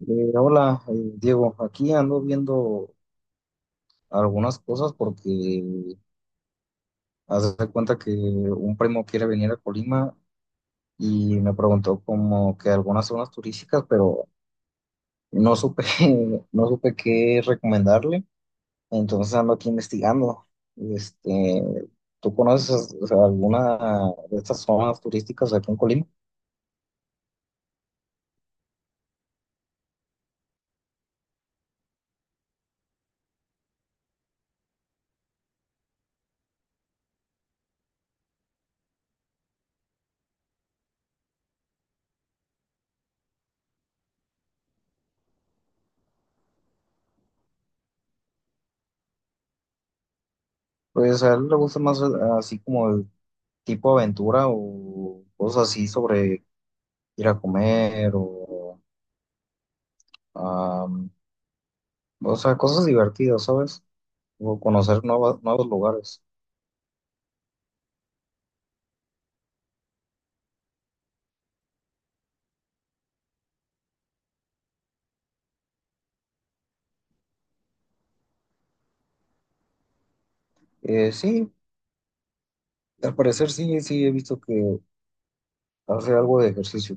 Eh, hola, Diego. Aquí ando viendo algunas cosas porque haz de cuenta que un primo quiere venir a Colima y me preguntó como que algunas zonas turísticas, pero no supe, no supe qué recomendarle. Entonces ando aquí investigando. Este, ¿Tú conoces, o sea, alguna de estas zonas turísticas aquí en Colima? Pues a él le gusta más así como el tipo aventura o cosas así sobre ir a comer o Am, o sea, cosas divertidas, ¿sabes? O nuevos lugares. Sí, al parecer sí, sí he visto que hace algo de ejercicio.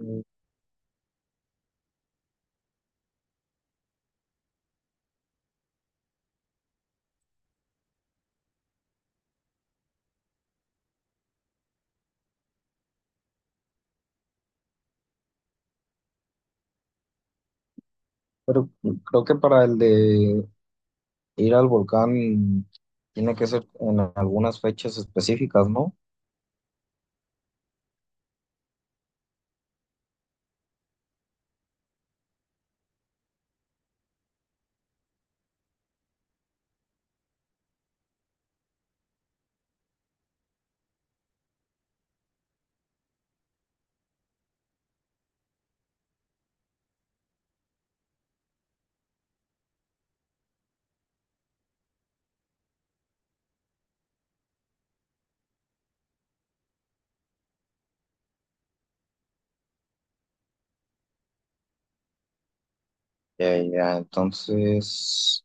Mm. Pero creo que para el de ir al volcán tiene que ser en algunas fechas específicas, ¿no? Ya, ya, entonces,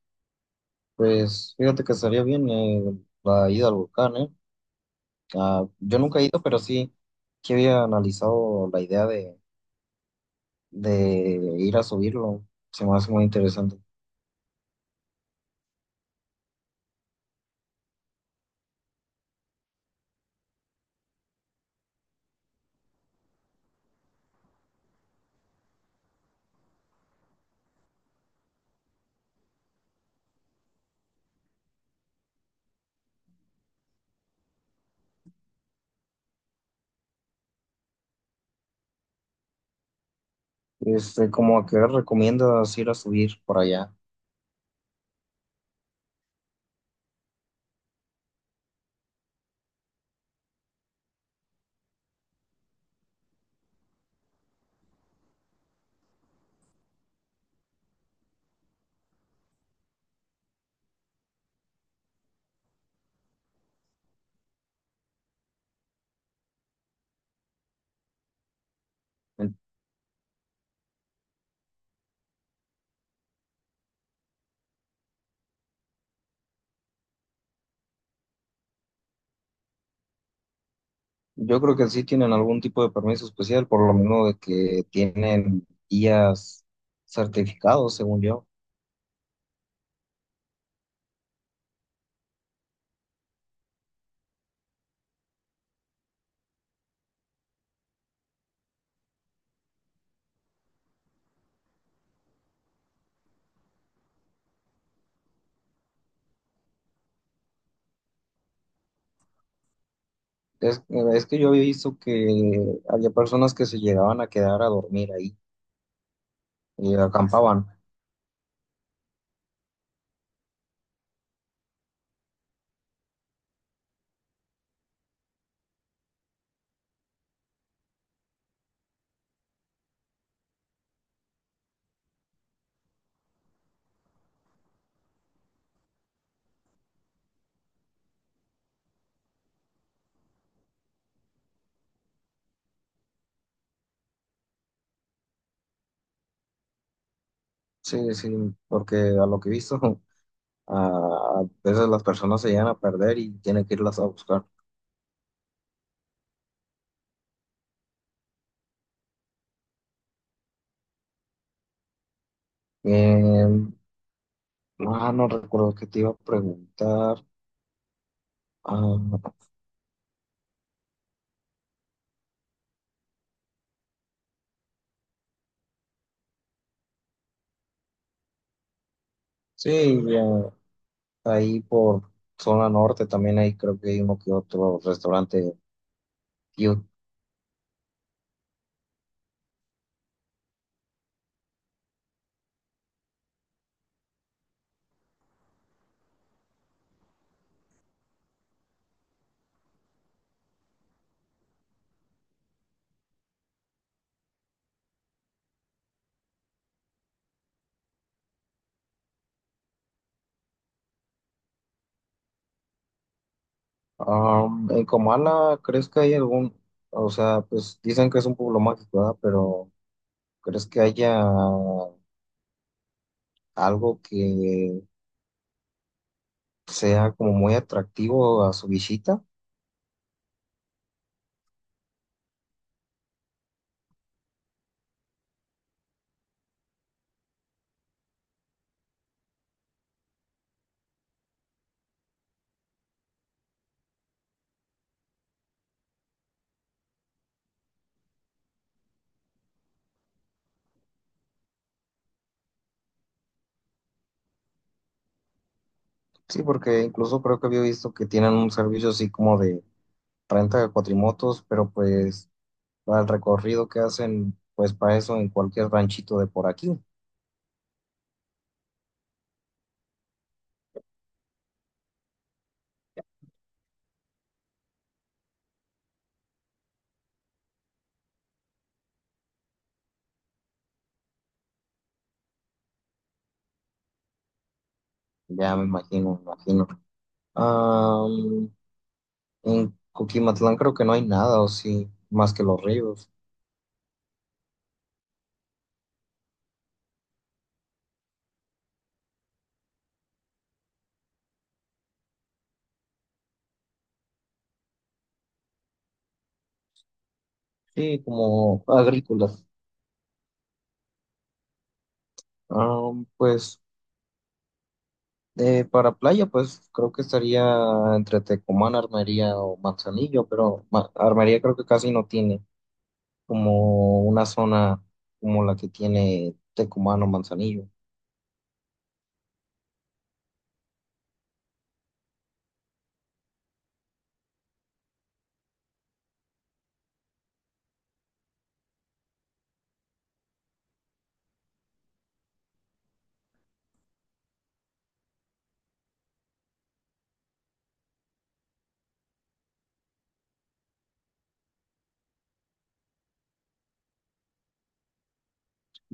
pues fíjate que estaría bien la ida al volcán, ¿eh? Ah, yo nunca he ido, pero sí que había analizado la idea de ir a subirlo. Se me hace muy interesante. Este, como ¿a qué hora recomiendas ir a subir por allá? En- Yo creo que sí tienen algún tipo de permiso especial, por lo mismo de que tienen guías certificados, según yo. Es, es que yo había visto que había personas que se llegaban a quedar a dormir ahí y acampaban. Sí, sí, porque a lo que he visto, a, a veces las personas se llegan a perder y tienen que irlas a buscar. Eh, Ah, no recuerdo que te iba a preguntar. Ah, sí, ya, ahí por zona norte también hay, creo que hay uno que otro restaurante cute. Am, en Comala, ¿crees que hay algún, o sea, pues dicen que es un pueblo mágico, ¿verdad? Pero ¿crees que haya algo que sea como muy atractivo a su visita? Sí, porque incluso creo que había visto que tienen un servicio así como de renta de cuatrimotos, pero pues para el recorrido que hacen, pues para eso en cualquier ranchito de por aquí, ya me imagino, me imagino. Am, en Coquimatlán creo que no hay nada, o sí, más que los ríos, sí, como agrícolas. Am, pues para playa, pues creo que estaría entre Tecomán, Armería o Manzanillo, pero Armería creo que casi no tiene como una zona como la que tiene Tecomán o Manzanillo.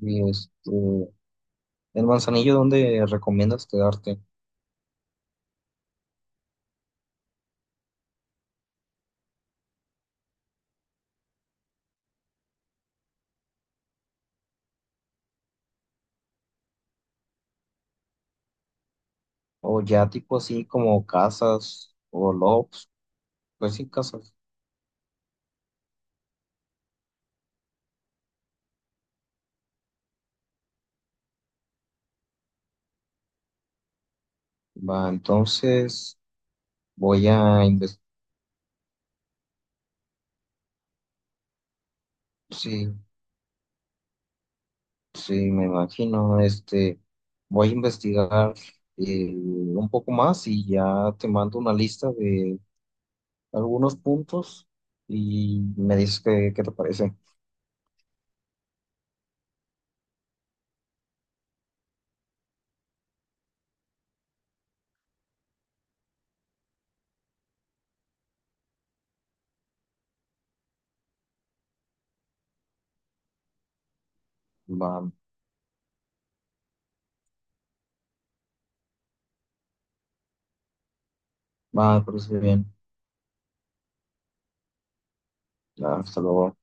Y este, En Manzanillo, ¿dónde recomiendas quedarte? O ya tipo así como casas o lofts, pues sí, casas. Va, entonces voy a investigar, sí, sí, me imagino, este, voy a investigar un poco más y ya te mando una lista de algunos puntos y me dices qué, qué te parece. Va, va, me parece bien. Hasta luego.